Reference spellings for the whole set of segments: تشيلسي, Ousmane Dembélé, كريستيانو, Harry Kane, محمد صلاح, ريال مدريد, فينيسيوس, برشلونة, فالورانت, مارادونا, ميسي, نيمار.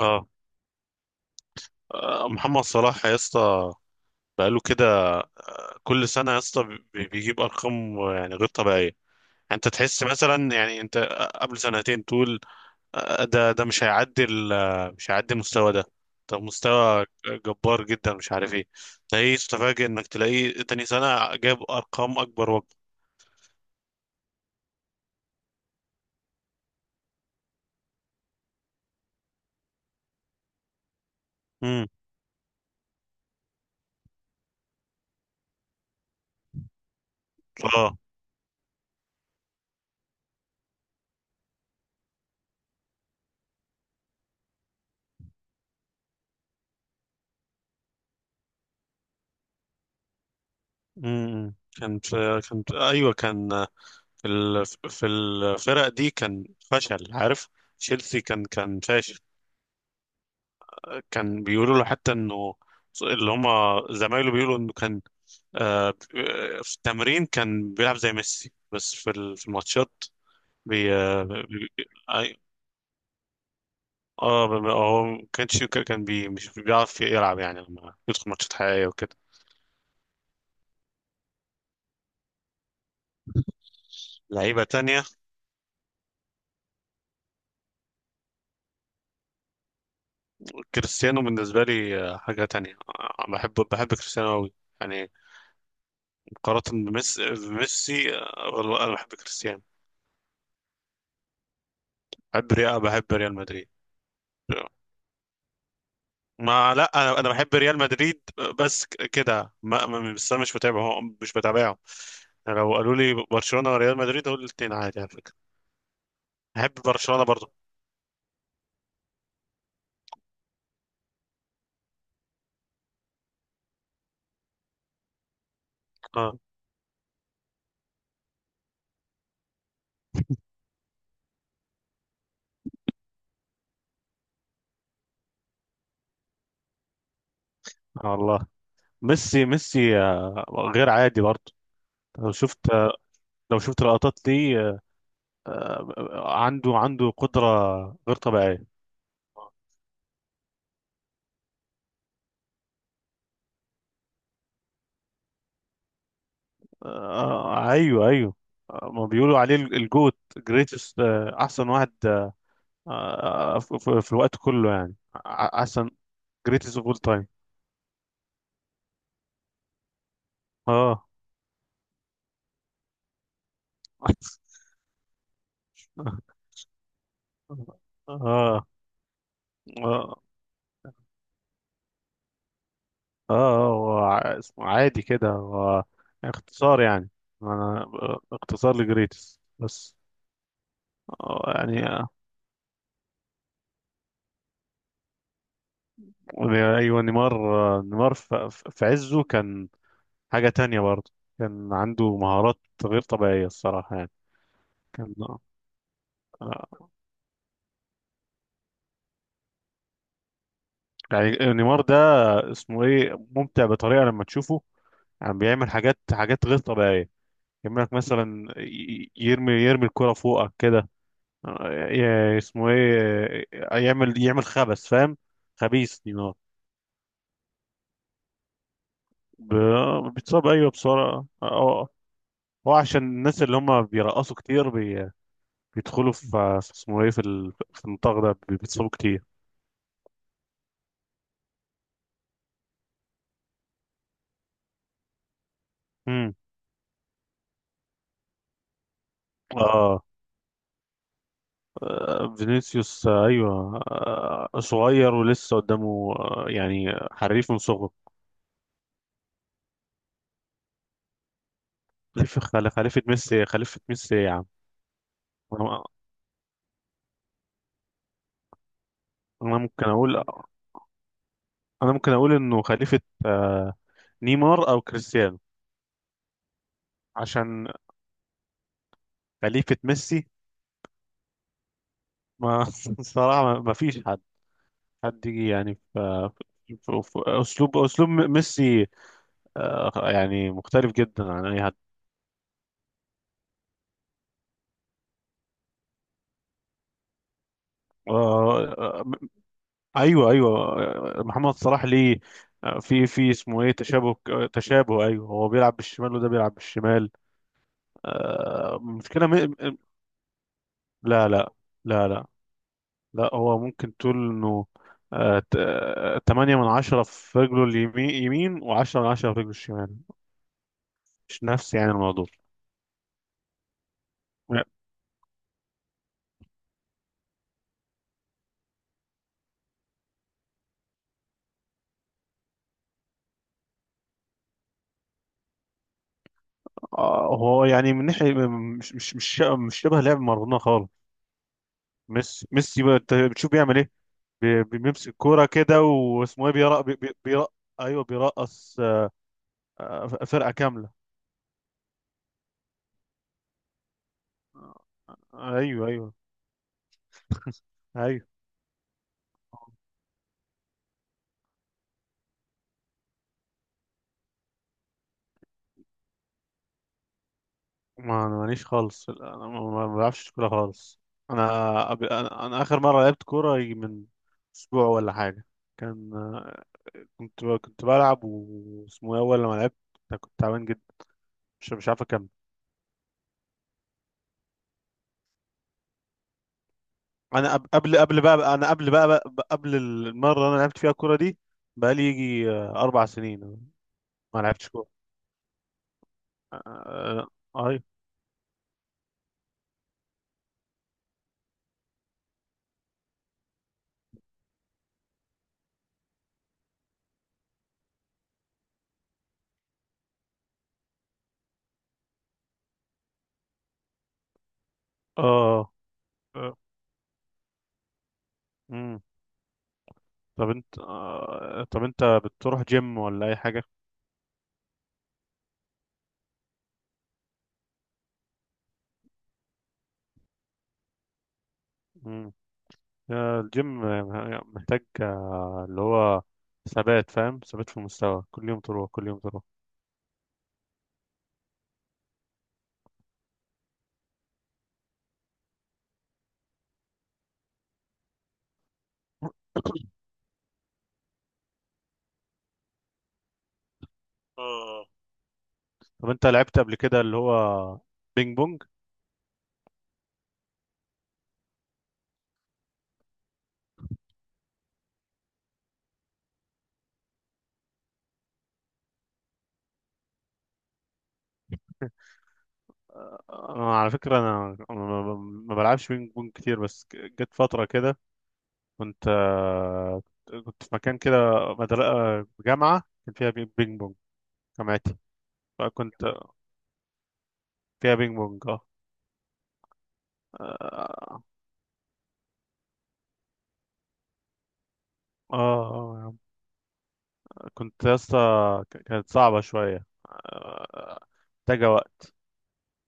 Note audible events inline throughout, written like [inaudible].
اه. محمد صلاح يا اسطى، بقاله كده كل سنه يا اسطى، بيجيب ارقام يعني غير طبيعيه، يعني. انت تحس مثلا، يعني انت قبل سنتين تقول: ده مش هيعدي مش هيعدي المستوى ده، ده مستوى جبار جدا، مش عارف ايه. تلاقيه، تفاجئ انك تلاقيه تاني سنه جاب ارقام اكبر وأكبر. امم. اه. كان في ايوه، كان في الفرق دي كان فشل، عارف. تشيلسي كان فاشل. كان بيقولوا له حتى انه، اللي هم زمايله بيقولوا انه كان آه، في التمرين كان بيلعب زي ميسي، بس في الماتشات بي اه بي- أي- هو ما كانش، كان مش بيعرف يلعب يعني لما يدخل ماتشات حقيقية وكده. لعيبة تانية: كريستيانو بالنسبة لي حاجة تانية، بحب كريستيانو أوي يعني، مقارنة بميسي، والله أنا بحب كريستيانو. بحب ريال مدريد. ما لا، انا بحب ريال مدريد بس، كده بس انا مش متابعه، هو مش بتابعه. لو قالوا لي برشلونة وريال مدريد، اقول الاثنين عادي على فكرة، بحب برشلونة برضو. اه. آه والله، ميسي غير عادي برضو. لو شفت لو شفت لقطات ليه، عنده قدرة غير طبيعية. آه ايوه ايوه. ما بيقولوا عليه الجوت جريتست، احسن واحد، في الوقت كله يعني، احسن. جريتست اوف اول تايم. اه. [laughs] اه. اه. اه. هو اسمه عادي كده، هو اختصار يعني. انا، اختصار لجريتس بس. يعني ايوه نيمار. نيمار في عزه كان حاجة تانية برضه، كان عنده مهارات غير طبيعية الصراحة يعني. كان آه، يعني نيمار ده، اسمه ايه، ممتع بطريقة لما تشوفه، يعني بيعمل حاجات غير طبيعية، يعمل لك مثلا يرمي الكرة فوقك كده. اسمه ايه، يعمل خبث فاهم. خبيث دي نار. بيتصاب، ايوه بسرعه اه. آه. هو عشان الناس اللي هم بيرقصوا كتير بيدخلوا في، في اسمه ايه، في، في النطاق ده بيتصابوا كتير. امم. اه. فينيسيوس، ايوه صغير ولسه قدامه، يعني حريف من صغره. خليفه خليفه ميسي، خليفه ميسي يا عم. انا، ممكن اقول، انه خليفه آه، نيمار او كريستيانو. عشان خليفة ميسي، ما، [laughs] الصراحة ما فيش حد، حد يجي يعني في في أسلوب ميسي، يعني مختلف جدا عن أي حد. آه، آه، أيوه أيوه. محمد صلاح ليه في اسمه ايه تشابه، تشابه، ايوه، هو بيلعب بالشمال وده بيلعب بالشمال. مشكلة لا لا، لا لا. لا، هو ممكن تقول انه 8/10 في رجله اليمين يمين، وعشرة من عشرة في رجله الشمال. مش نفسي يعني الموضوع. هو يعني من ناحية مش شبه لعب مارادونا خالص. ميسي بقى، انت بتشوف بيعمل ايه؟ بيمسك كورة كده، واسمه ايه، بيرق، بيرق. ايوه بيرقص فرقة كاملة. آه، ايوه ايوه ايوه. ما انا ماليش خالص، انا ما بعرفش كورة خالص. انا انا اخر مرة لعبت كورة يجي من اسبوع ولا حاجة. كان كنت بلعب، واسمه ايه، اول لما لعبت كنت تعبان جدا، مش عارف اكمل. انا قبل بقى، انا قبل بقى، بقى قبل المره اللي انا لعبت فيها الكوره دي بقى لي يجي 4 سنين ما لعبتش كوره. آه، اي. اه. آه، امم. طب انت طب انت بتروح جيم ولا اي حاجه؟ امم. الجيم محتاج اللي هو ثبات، فاهم، ثبات في المستوى، كل يوم تروح كل يوم تروح. [coughs] آه. طب انت لعبت قبل كده اللي هو بينج بونج؟ على فكرة، أنا ما ما بلعبش بينج بونج كتير، بس جت فترة كده، كنت كنت في مكان كده، مدرسة جامعة كان فيها بينج بونج، جامعتي فكنت فيها بينج بونج اه. اه اه يا عم. كنت يا اسطى، كانت صعبة شوية محتاجة وقت،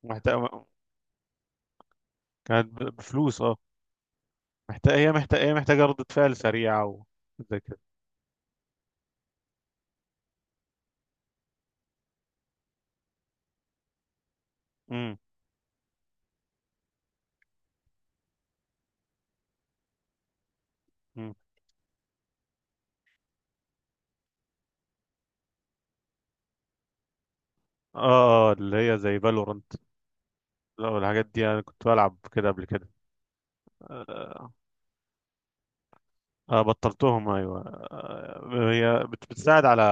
محتاجة بفلوس اه، محتاجة، هي محتاجة، هي محتاجة ردة فعل سريعة وزي كده. امم. أمم. اه اللي هي زي فالورانت. لا، والحاجات دي انا كنت بلعب كده قبل كده. آه، بطلتهم ايوه. آه، هي بتساعد على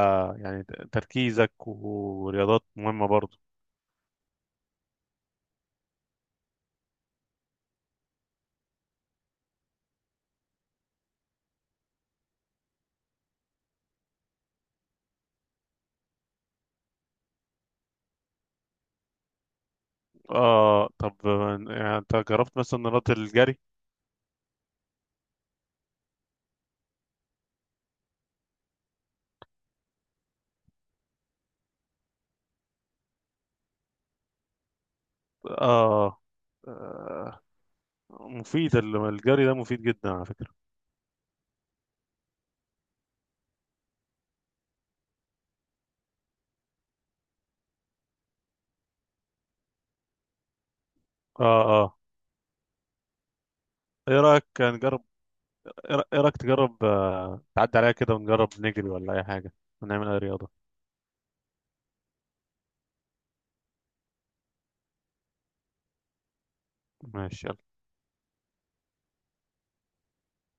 يعني تركيزك، ورياضات مهمة برضو. اه. طب يعني انت جربت مثلا رياضة الجري؟ اه، آه، مفيد الجري ده مفيد جدا على فكرة. اه اه. ايه رأيك نجرب؟ ايه إيه رأيك تجرب، آه، تعدي عليها كده ونجرب نجري ولا اي حاجة، ونعمل اي رياضة؟ ماشي.